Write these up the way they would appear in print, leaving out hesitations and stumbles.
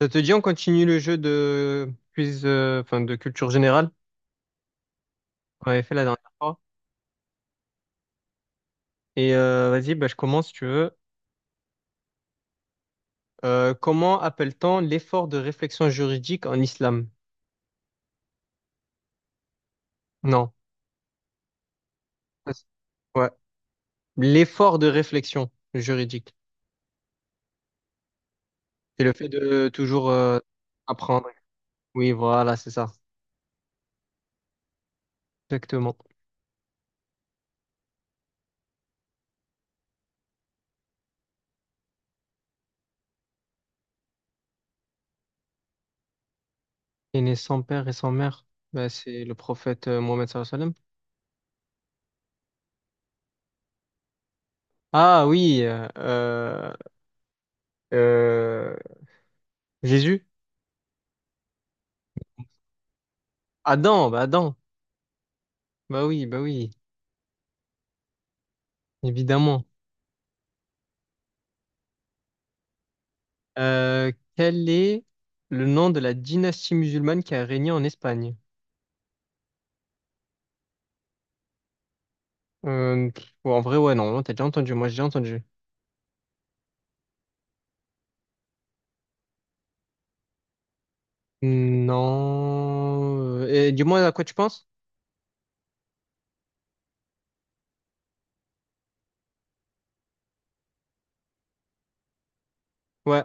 Ça te dit, on continue le jeu de quiz, enfin de culture générale qu'on avait fait la dernière fois. Et vas-y, bah, je commence si tu veux. Comment appelle-t-on l'effort de réflexion juridique en islam? Non. Ça, c'est- Ouais. L'effort de réflexion juridique. C'est le fait de toujours apprendre. Oui, voilà, c'est ça. Exactement. Et né sans père et sans mère. Bah, c'est le prophète Mohammed sallallahu alayhi wa sallam. Ah oui, euh, Jésus. Adam. Bah oui, évidemment. Quel est le nom de la dynastie musulmane qui a régné en Espagne? Oh, en vrai, ouais, non, t'as déjà entendu, moi j'ai déjà entendu. Non. Et dis-moi à quoi tu penses? Ouais,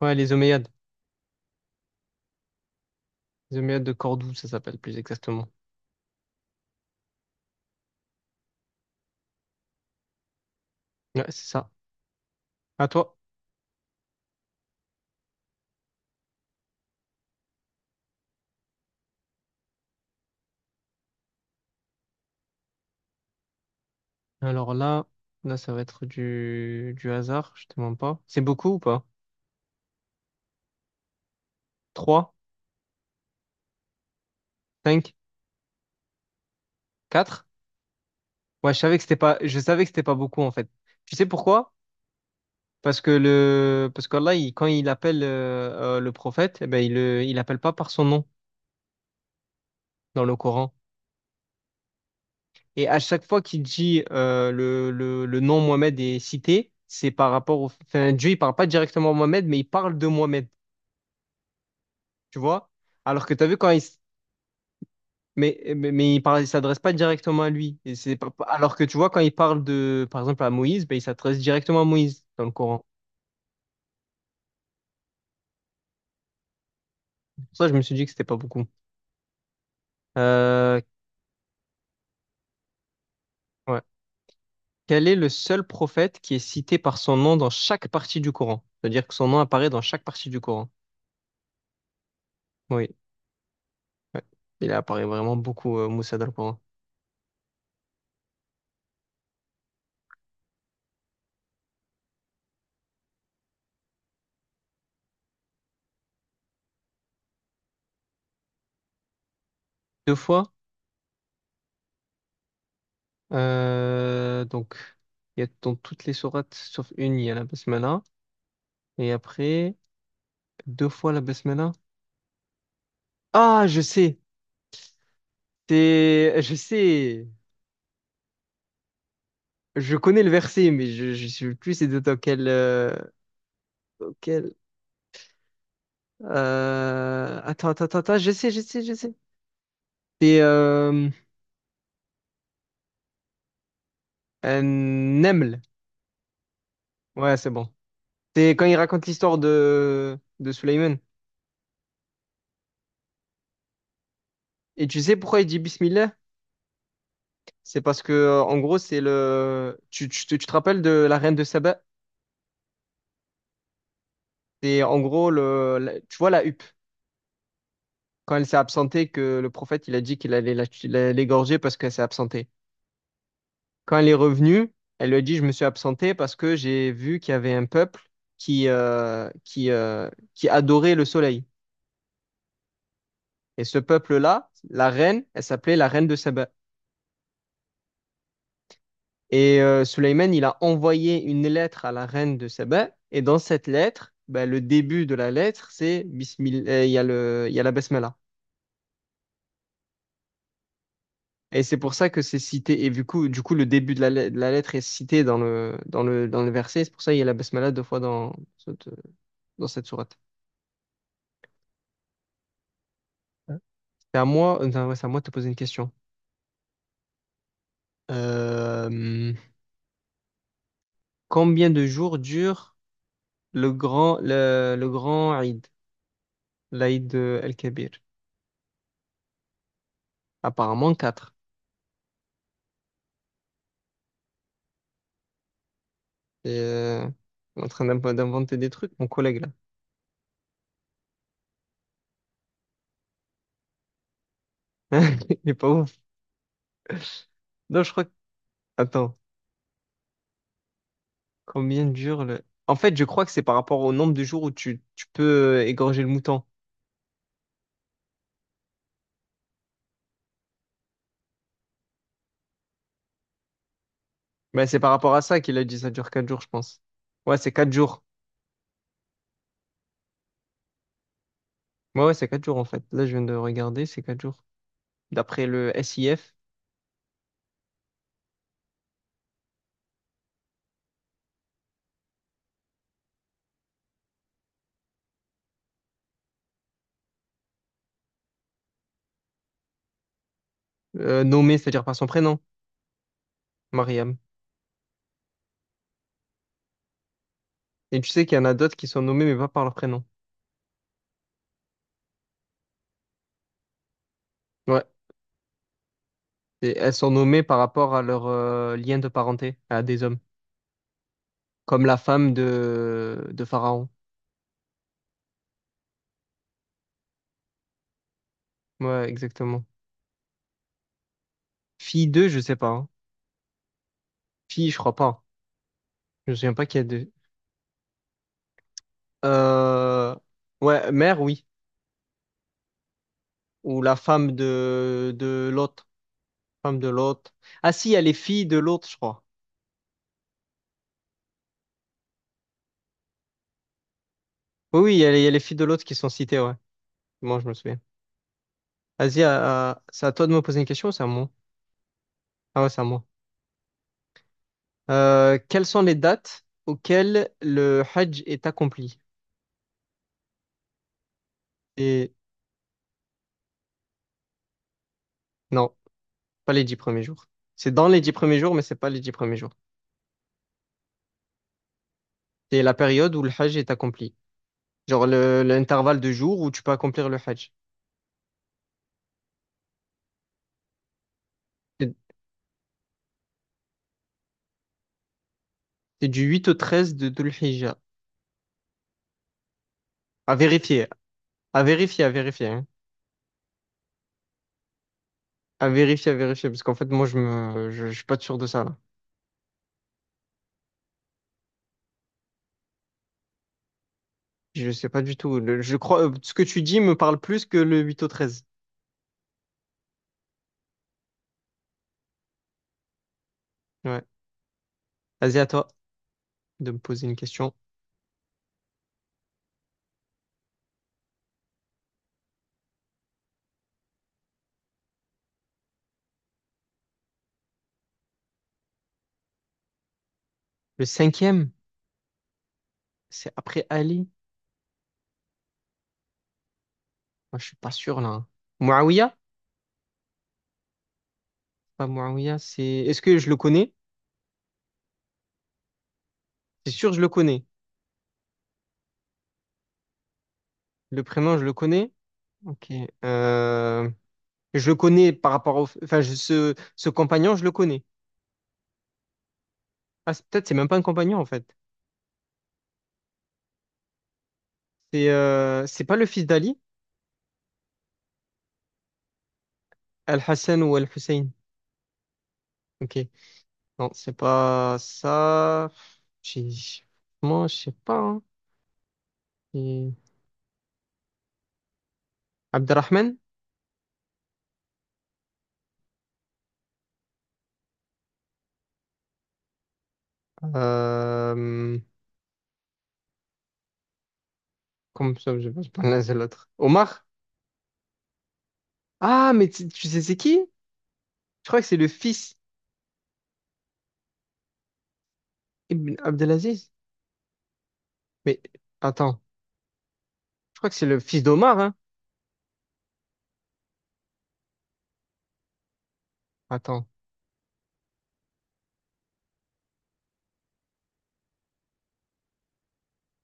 ouais, les Omeyyades. Les Omeyyades de Cordoue, ça s'appelle plus exactement. Ouais, c'est ça. À toi. Alors là, ça va être du hasard, je te mens pas. C'est beaucoup ou pas? Trois, cinq, quatre. Ouais, je savais que c'était pas, je savais que c'était pas beaucoup en fait. Tu sais pourquoi? Parce qu'Allah, quand il appelle le prophète, eh ben, il appelle pas par son nom dans le Coran. Et à chaque fois qu'il dit le nom Mohamed est cité, c'est par rapport au. Enfin, Dieu, il parle pas directement à Mohamed, mais il parle de Mohamed. Tu vois? Alors que tu as vu quand il. Mais il s'adresse pas directement à lui. Et c'est pas- alors que tu vois, quand il parle de, par exemple, à Moïse, ben, il s'adresse directement à Moïse dans le Coran. Pour ça, je me suis dit que c'était pas beaucoup. Euh, ouais. Quel est le seul prophète qui est cité par son nom dans chaque partie du Coran? C'est-à-dire que son nom apparaît dans chaque partie du Coran. Oui, ouais. Il apparaît vraiment beaucoup, Moussa, dans le Coran. Deux fois. Donc, il y a dans toutes les sourates, sauf une, il y a la basmala. Et après, deux fois la basmala. Ah, je sais. Je sais. Je connais le verset, mais je ne sais plus c'est dans quel. Attends, attends, attends, attends, je sais, je sais, je sais. C'est Neml. Ouais, c'est bon. C'est quand il raconte l'histoire de Sulaiman. Et tu sais pourquoi il dit Bismillah? C'est parce que, en gros, c'est le. Tu te rappelles de la reine de Saba? C'est en gros, tu vois la huppe. Quand elle s'est absentée, que le prophète, il a dit qu'il allait l'égorger parce qu'elle s'est absentée. Quand elle est revenue, elle lui a dit, Je me suis absentée parce que j'ai vu qu'il y avait un peuple qui adorait le soleil. Et ce peuple-là, la reine, elle s'appelait la reine de Saba. Et Sulayman, il a envoyé une lettre à la reine de Saba. Et dans cette lettre, ben, le début de la lettre, c'est Bismillah, il y a la Basmala. Et c'est pour ça que c'est cité. Et du coup, le début de de la lettre est cité dans le verset. C'est pour ça qu'il y a la Basmala deux fois dans cette sourate. C'est à moi, non, ouais, c'est à moi de te poser une question. Euh, Combien de jours dure le grand Eid, l'Eid El-Kabir? Apparemment quatre. Et on est en train d'inventer des trucs, mon collègue là. Il est pas ouf. Non, je crois que... Attends, combien dure le... En fait, je crois que c'est par rapport au nombre de jours où tu peux égorger le mouton. Mais c'est par rapport à ça qu'il a dit ça dure 4 jours, je pense. Ouais, c'est 4 jours. Ouais, ouais, c'est 4 jours en fait. Là, je viens de regarder, c'est 4 jours. D'après le SIF. Nommé, c'est-à-dire par son prénom, Mariam. Et tu sais qu'il y en a d'autres qui sont nommées mais pas par leur prénom. Ouais. Et elles sont nommées par rapport à leur lien de parenté à des hommes. Comme la femme de Pharaon. Ouais, exactement. Fille deux, je sais pas, hein. Fille, je crois pas. Je me souviens pas qu'il y a deux. Euh... Ouais, mère, oui. Ou la femme de l'autre. Femme de l'autre. Ah si, il y a les filles de l'autre, je crois. Oui, oui, il y a les filles de l'autre qui sont citées, ouais. Moi, je me souviens. Vas-y, c'est à toi de me poser une question ou c'est à moi? Ah ouais, c'est à moi. Quelles sont les dates auxquelles le Hajj est accompli? Et non, pas les 10 premiers jours. C'est dans les 10 premiers jours, mais c'est pas les 10 premiers jours. C'est la période où le Hajj est accompli. Genre l'intervalle de jours où tu peux accomplir le Hajj. C'est c'est du 8 au 13 de Dhul Hijjah. À vérifier, à vérifier, à vérifier, hein. À vérifier, parce qu'en fait, moi, je suis pas sûr de ça, là. Je sais pas du tout. Je crois, ce que tu dis me parle plus que le 8 au 13. Ouais. Vas-y, à toi de me poser une question. Le cinquième, c'est après Ali. Moi, je suis pas sûr, là, hein. Muawiyah? Pas Muawiyah, est-ce que je le connais? C'est sûr, je le connais. Le prénom, je le connais. Ok. Euh, Je le connais par rapport au... Enfin, ce compagnon, je le connais. Ah, peut-être c'est même pas un compagnon, en fait. C'est pas le fils d'Ali, Al-Hassan ou Al-Hussein. Ok. Non, c'est pas ça. J'ai- Moi, je sais pas, hein. Et- Abderrahman? Euh... Comme ça, je prononce l'autre. Omar? Ah, mais tu sais c'est qui? Je crois que c'est le fils Ibn Abdelaziz. Mais attends, je crois que c'est le fils d'Omar, hein? Attends.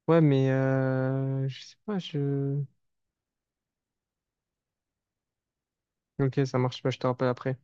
Ouais, mais je sais pas, je... Ok, ça marche. Bah, je te rappelle après.